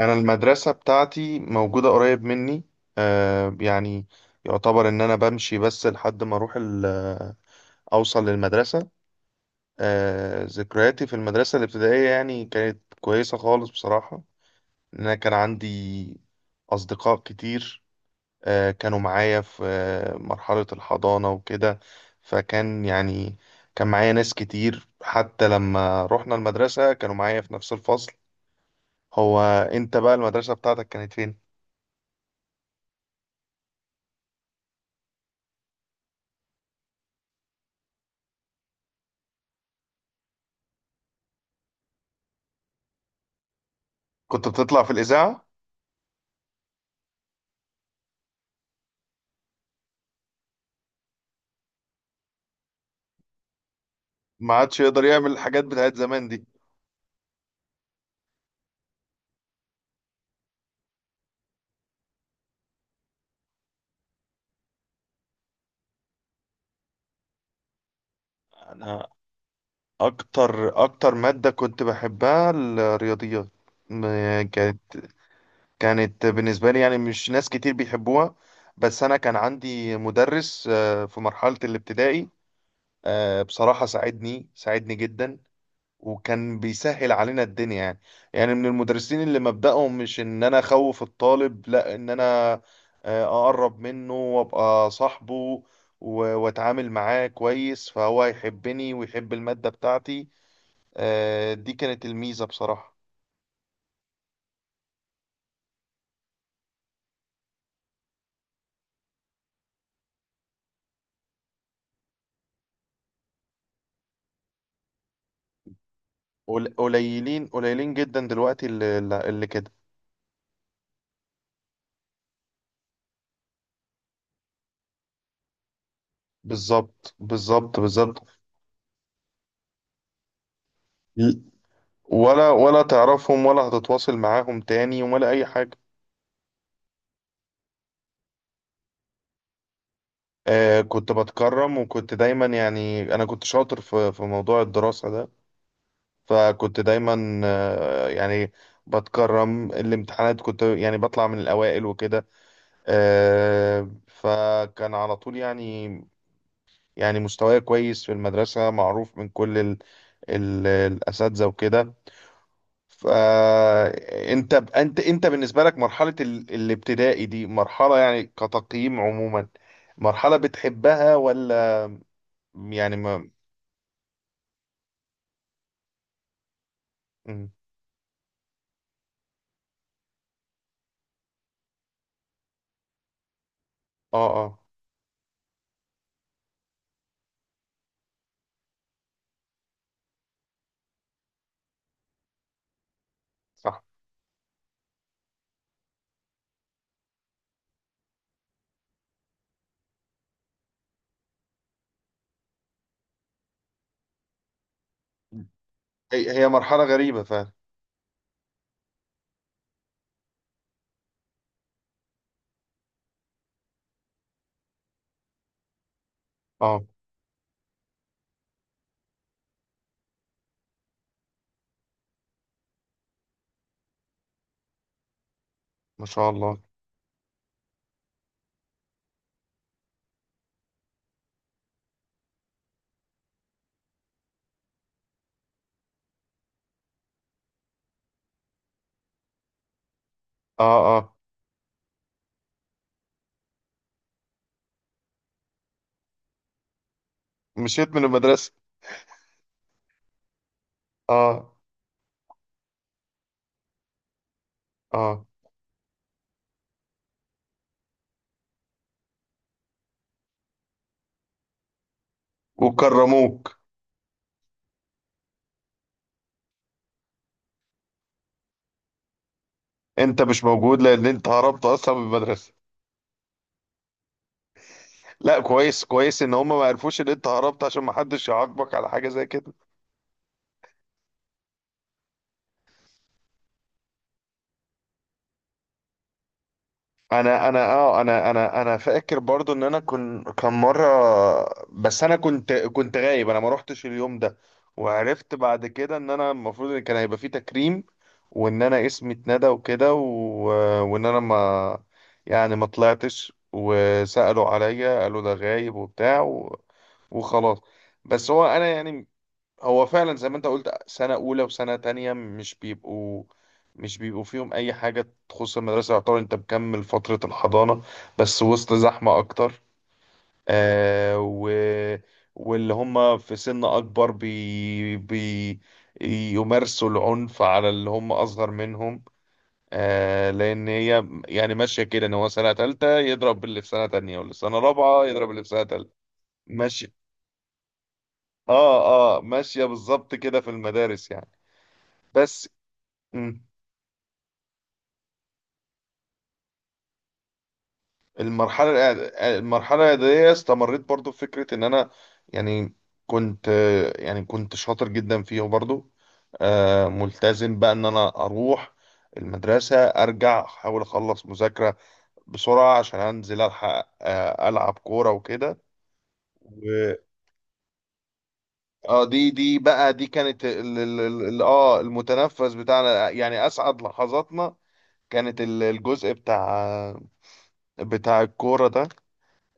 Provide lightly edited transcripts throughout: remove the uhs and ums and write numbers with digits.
انا المدرسه بتاعتي موجوده قريب مني. آه يعني يعتبر ان انا بمشي بس لحد ما اروح اوصل للمدرسه. ذكرياتي في المدرسه الابتدائيه يعني كانت كويسه خالص بصراحه، ان انا كان عندي اصدقاء كتير كانوا معايا في مرحله الحضانه وكده. يعني كان معايا ناس كتير حتى لما رحنا المدرسه كانوا معايا في نفس الفصل. هو انت بقى المدرسه بتاعتك كانت فين؟ كنت بتطلع في الإذاعة؟ ما عادش يقدر يعمل الحاجات بتاعت زمان دي. أنا، أكتر مادة كنت بحبها الرياضيات. م- كانت كانت بالنسبة لي يعني مش ناس كتير بيحبوها، بس أنا كان عندي مدرس في مرحلة الابتدائي بصراحة ساعدني ساعدني جدا، وكان بيسهل علينا الدنيا يعني. يعني من المدرسين اللي مبدأهم مش ان انا اخوف الطالب، لا، ان انا اقرب منه وابقى صاحبه واتعامل معاه كويس فهو يحبني ويحب المادة بتاعتي. دي كانت الميزة بصراحة. قليلين قليلين جدا دلوقتي اللي كده. بالظبط، بالظبط، بالظبط. ولا تعرفهم، ولا هتتواصل معاهم تاني ولا اي حاجة. كنت بتكرم، وكنت دايما يعني أنا كنت شاطر في موضوع الدراسة ده، فكنت دايما بتكرم. الامتحانات كنت يعني بطلع من الأوائل وكده. فكان على طول يعني يعني مستواي كويس في المدرسة معروف من كل ال الأساتذة وكده. فأنت أنت أنت أنت بالنسبة لك مرحلة الابتدائي دي مرحلة، يعني كتقييم عموما، مرحلة بتحبها ولا يعني ما... مم. اه اه. صح. هي مرحلة غريبة فعلا. اه، ما شاء الله. اه اه، مشيت من المدرسة. اه اه، وكرموك. انت مش موجود لان انت هربت اصلا من المدرسة. لا، كويس كويس ان هم ما عرفوش ان انت هربت عشان ما حدش يعاقبك على حاجة زي كده. انا فاكر برضو ان انا كان مره، بس انا كنت غايب، انا ما روحتش اليوم ده، وعرفت بعد كده ان انا المفروض ان كان هيبقى فيه تكريم وان انا اسمي اتندى وكده، و... وان انا ما، يعني ما طلعتش، وسألوا عليا قالوا ده غايب وبتاع، و... وخلاص. بس هو انا يعني هو فعلا زي ما انت قلت سنة أولى وسنة تانية مش بيبقوا فيهم أي حاجة تخص المدرسة، يعتبر أنت مكمل فترة الحضانة بس وسط زحمة أكتر آه و... واللي هم في سن أكبر يمارسوا العنف على اللي هم أصغر منهم. لأن هي يعني ماشية كده، إن هو سنة تالتة يضرب اللي في سنة تانية، واللي في سنة رابعة يضرب اللي في سنة تالتة. ماشية. آه. آه ماشية بالظبط كده في المدارس يعني. بس. مم. المرحلة المرحلة الإعدادية استمريت برضو في فكرة إن أنا، يعني كنت يعني كنت شاطر جدا فيه برضو. ملتزم بقى إن أنا أروح المدرسة، أرجع أحاول أخلص مذاكرة بسرعة عشان أنزل ألحق ألعب كورة وكده. و- اه دي كانت المتنفس بتاعنا يعني أسعد لحظاتنا. كانت الجزء بتاع الكورة ده.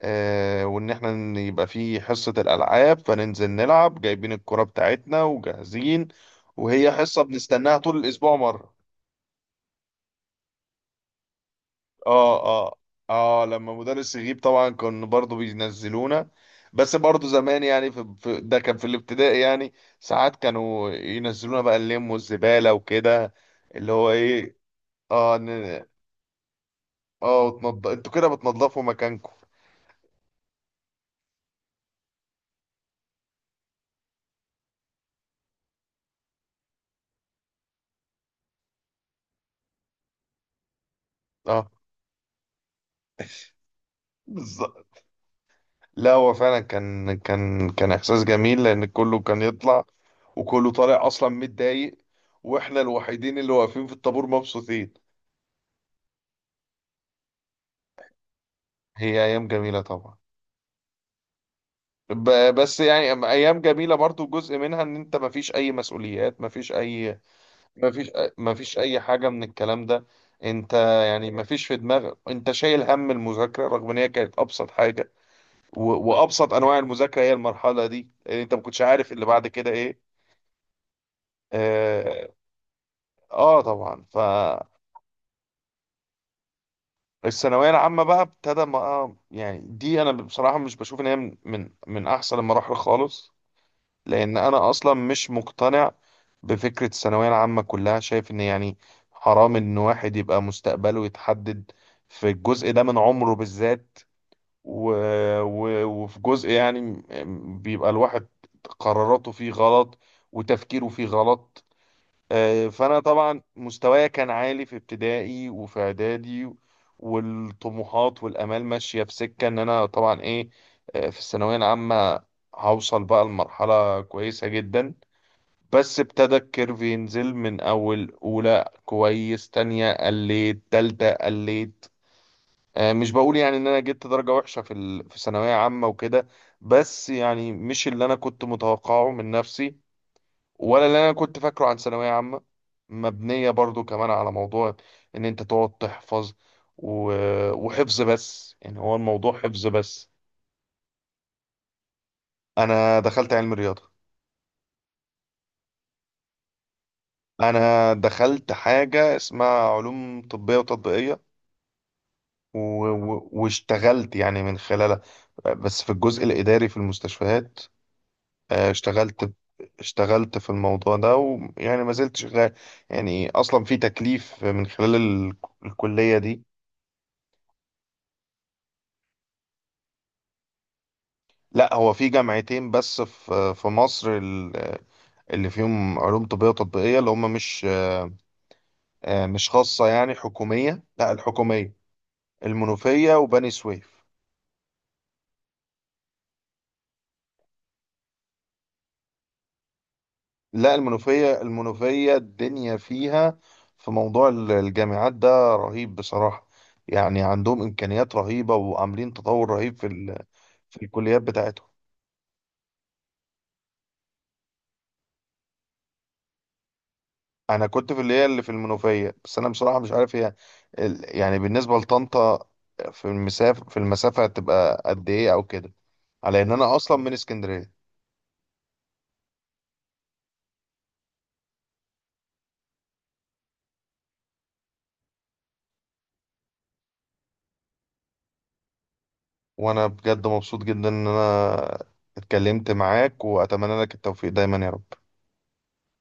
وان احنا يبقى في حصة الالعاب، فننزل نلعب جايبين الكرة بتاعتنا وجاهزين، وهي حصة بنستناها طول الاسبوع مرة. اه اه. اه لما مدرس يغيب طبعا كان برضو بينزلونا، بس برضو زمان يعني ده كان في الابتدائي يعني، ساعات كانوا ينزلونا بقى اللم والزبالة وكده، اللي هو ايه. اه. انتوا كده بتنضفوا مكانكم. اه بالظبط. لا هو فعلا كان احساس جميل لان كله كان يطلع، وكله طالع اصلا متضايق، واحنا الوحيدين اللي واقفين في الطابور مبسوطين. هي ايام جميله طبعا. بس يعني ايام جميله برضو، جزء منها ان انت مفيش اي مسؤوليات، مفيش اي، مفيش اي حاجه من الكلام ده. انت يعني مفيش في دماغك انت شايل هم المذاكره، رغم ان هي كانت ابسط حاجه وابسط انواع المذاكره هي المرحله دي، لان انت ما كنتش عارف اللي بعد كده ايه. آه، اه طبعا. فالثانويه العامه بقى ابتدى بقى يعني، دي انا بصراحه مش بشوف ان هي من احسن المراحل خالص، لان انا اصلا مش مقتنع بفكره الثانويه العامه كلها. شايف ان يعني حرام ان واحد يبقى مستقبله يتحدد في الجزء ده من عمره بالذات، و... وفي جزء، يعني بيبقى الواحد قراراته فيه غلط وتفكيره فيه غلط. فانا طبعا مستوايا كان عالي في ابتدائي وفي اعدادي، والطموحات والامال ماشيه في سكه ان انا طبعا ايه. في الثانويه العامه هوصل بقى لمرحله كويسه جدا، بس ابتدى الكيرف ينزل من اول اولى كويس، تانية قليت، تالتة قليت. مش بقول يعني ان انا جبت درجه وحشه في ثانويه عامه وكده، بس يعني مش اللي انا كنت متوقعه من نفسي، ولا اللي انا كنت فاكره عن ثانويه عامه، مبنيه برضو كمان على موضوع ان انت تقعد تحفظ، و... وحفظ بس. يعني هو الموضوع حفظ بس. انا دخلت علم رياضه. انا دخلت حاجه اسمها علوم طبيه وتطبيقيه، واشتغلت يعني من خلالها، بس في الجزء الاداري في المستشفيات. اشتغلت اشتغلت في الموضوع ده، ويعني ما زلت شغال، يعني اصلا في تكليف من خلال الكليه دي. لا، هو في جامعتين بس في مصر اللي فيهم علوم طبية تطبيقية، اللي هم مش مش خاصة، يعني حكومية. لا، الحكومية: المنوفية وبني سويف. لا، المنوفية. المنوفية الدنيا فيها في موضوع الجامعات ده رهيب بصراحة، يعني عندهم إمكانيات رهيبة وعاملين تطور رهيب في الكليات بتاعتهم. انا كنت في اللي هي اللي في المنوفيه، بس انا بصراحه مش عارف هي يعني بالنسبه لطنطا في المسافه، هتبقى قد ايه او كده، على ان انا اصلا من اسكندريه. وانا بجد مبسوط جدا ان انا اتكلمت معاك، واتمنى لك التوفيق دايما يا رب.